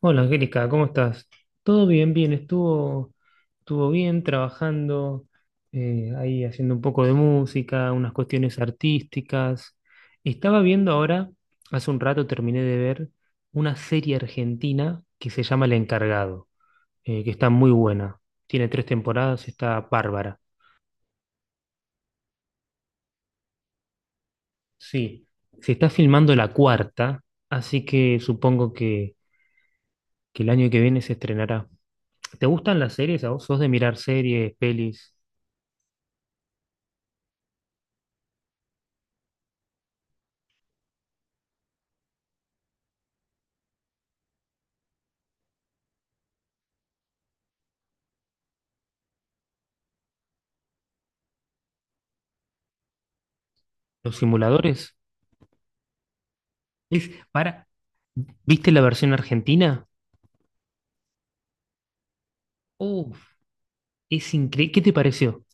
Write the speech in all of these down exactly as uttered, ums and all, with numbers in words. Hola Angélica, ¿cómo estás? Todo bien, bien, estuvo, estuvo bien trabajando, eh, ahí haciendo un poco de música, unas cuestiones artísticas. Estaba viendo ahora, hace un rato terminé de ver una serie argentina que se llama El Encargado, eh, que está muy buena. Tiene tres temporadas, está bárbara. Sí, se está filmando la cuarta, así que supongo que, que el año que viene se estrenará. ¿Te gustan las series? ¿A vos sos de mirar series, pelis? Los simuladores. Es, para, ¿viste la versión argentina? Uf, es increíble. ¿Qué te pareció?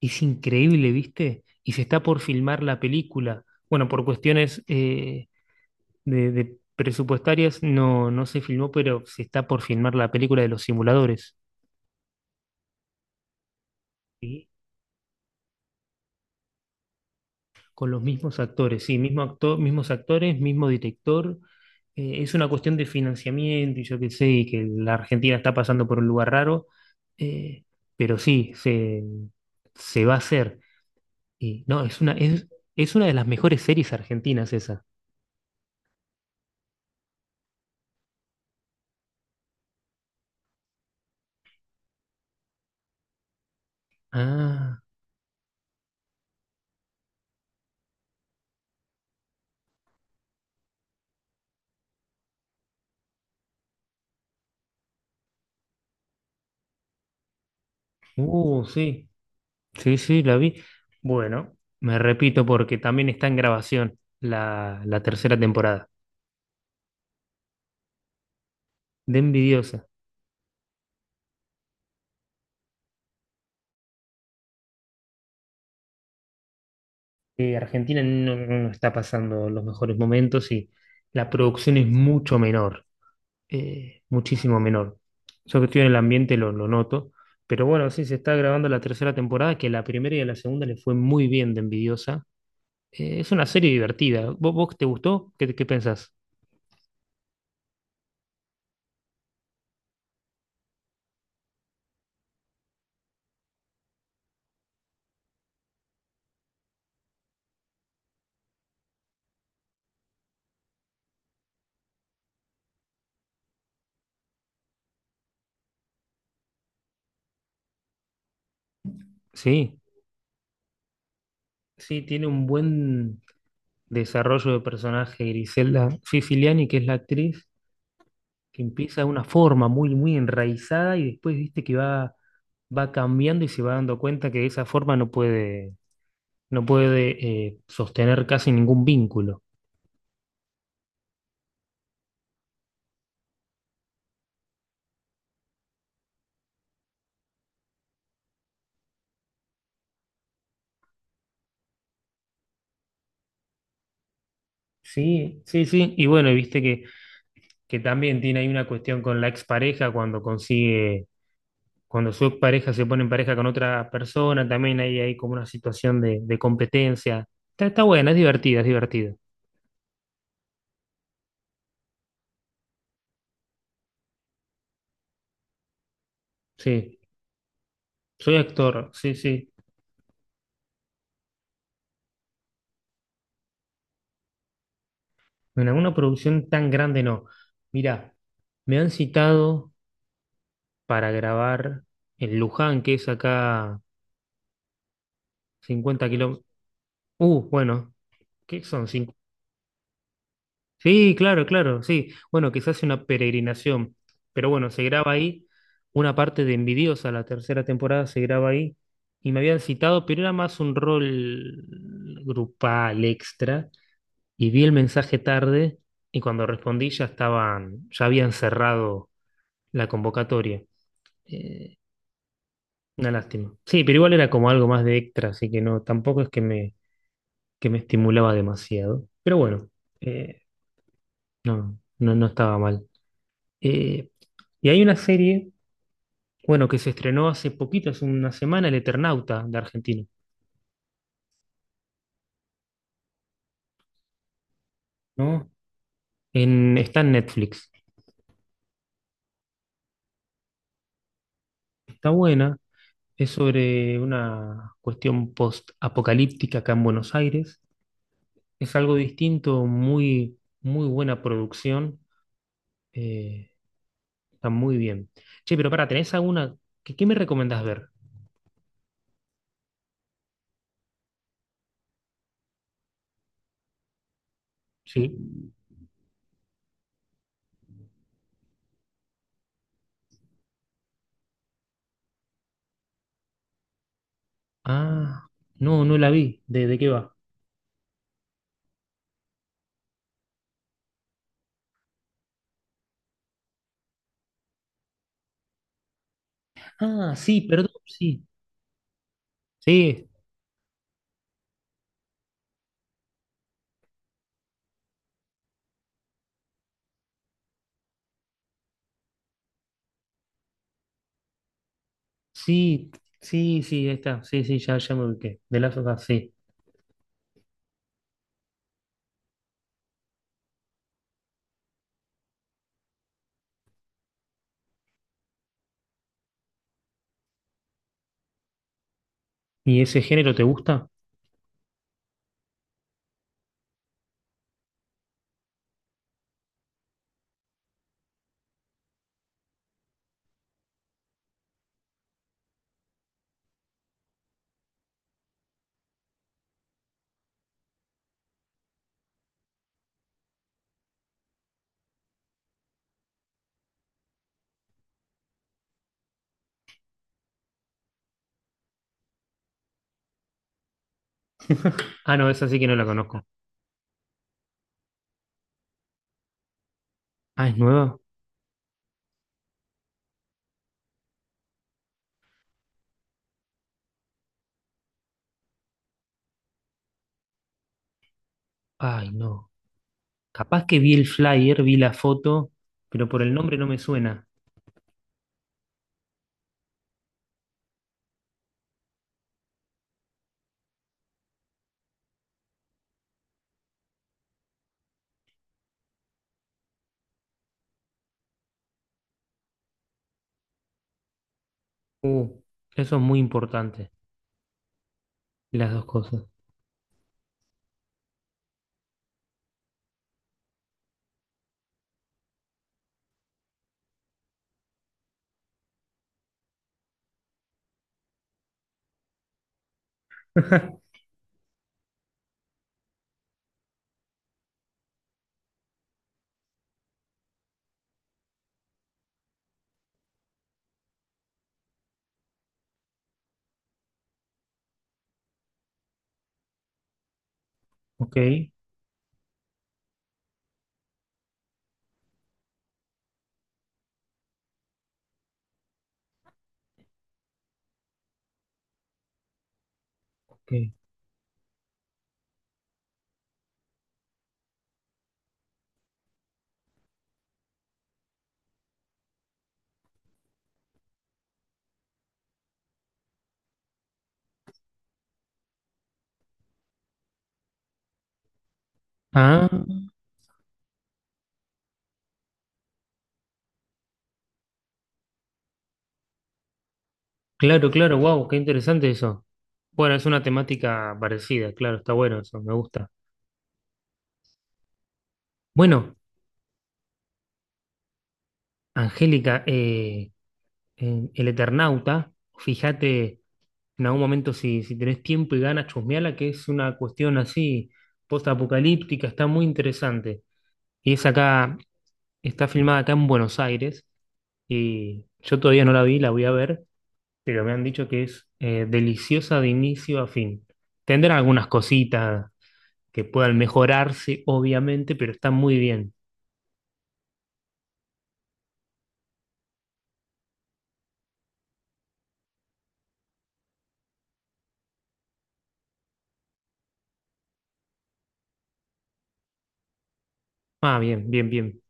Es increíble, ¿viste? Y se está por filmar la película. Bueno, por cuestiones eh, de, de presupuestarias no, no se filmó, pero se está por filmar la película de los simuladores. Sí. Con los mismos actores, sí, mismo actor, mismos actores, mismo director. Eh, es una cuestión de financiamiento y yo qué sé, y que la Argentina está pasando por un lugar raro, eh, pero sí, se, se va a hacer. Y no, es una, es, es una de las mejores series argentinas esa. Ah, uh, sí, sí, sí, la vi. Bueno, me repito porque también está en grabación la, la tercera temporada. De envidiosa. Eh, Argentina no, no no está pasando los mejores momentos y la producción es mucho menor, eh, muchísimo menor. Yo que estoy en el ambiente lo, lo noto, pero bueno, sí, se está grabando la tercera temporada, que la primera y a la segunda le fue muy bien de Envidiosa. Eh, es una serie divertida. ¿Vos, vos te gustó? ¿Qué, qué pensás? Sí, sí, tiene un buen desarrollo de personaje Griselda Siciliani, que es la actriz, que empieza de una forma muy, muy enraizada y después viste que va, va cambiando y se va dando cuenta que esa forma no puede, no puede eh, sostener casi ningún vínculo. Sí, sí, sí. Y bueno, y viste que, que también tiene ahí una cuestión con la expareja cuando consigue, cuando su expareja se pone en pareja con otra persona, también ahí hay como una situación de, de competencia. Está, está buena, es divertida, es divertida. Sí, soy actor, sí, sí. Bueno, en alguna producción tan grande no. Mira, me han citado para grabar en Luján, que es acá cincuenta kilómetros. Uh, bueno, ¿qué son? Cinco- Sí, claro, claro, sí. Bueno, que se hace una peregrinación. Pero bueno, se graba ahí. Una parte de Envidiosa, la tercera temporada, se graba ahí. Y me habían citado, pero era más un rol grupal extra. Y vi el mensaje tarde y cuando respondí ya estaban, ya habían cerrado la convocatoria. Eh, una lástima. Sí, pero igual era como algo más de extra, así que no, tampoco es que me, que me estimulaba demasiado. Pero bueno, eh, no, no, no estaba mal. Eh, y hay una serie, bueno, que se estrenó hace poquito, hace una semana, El Eternauta de Argentina, ¿no? En, está en Netflix. Está buena, es sobre una cuestión post-apocalíptica acá en Buenos Aires. Es algo distinto, muy, muy buena producción. eh, Está muy bien. Che, pero para, ¿tenés alguna? ¿Qué, qué me recomendás ver? Sí. Ah, no, no la vi. ¿De, de qué va? Ah, sí, perdón, sí. Sí, sí, sí, sí, ahí está. Sí, sí, ya, ya me ubiqué. De Last of Us, sí. ¿Y ese género te gusta? Ah, no, esa sí que no la conozco. Ah, ¿es nueva? Ay, no. Capaz que vi el flyer, vi la foto, pero por el nombre no me suena. Uh, eso es muy importante, las dos cosas. Ok, ok. Ah, claro, claro, wow, qué interesante eso. Bueno, es una temática parecida, claro, está bueno eso, me gusta. Bueno, Angélica, eh, en El Eternauta, fíjate en algún momento si, si tenés tiempo y ganas, chusmeala, que es una cuestión así post-apocalíptica, está muy interesante. Y es acá, está filmada acá en Buenos Aires, y yo todavía no la vi, la voy a ver, pero me han dicho que es eh, deliciosa de inicio a fin. Tendrán algunas cositas que puedan mejorarse, obviamente, pero está muy bien. Ah, bien, bien, bien.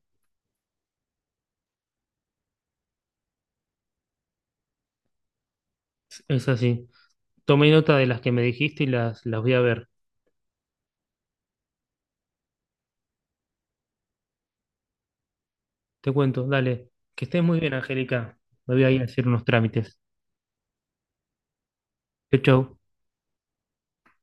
Es así. Tomé nota de las que me dijiste y las, las voy a ver. Te cuento, dale. Que estés muy bien, Angélica. Me voy a ir a hacer unos trámites. Chau, chau.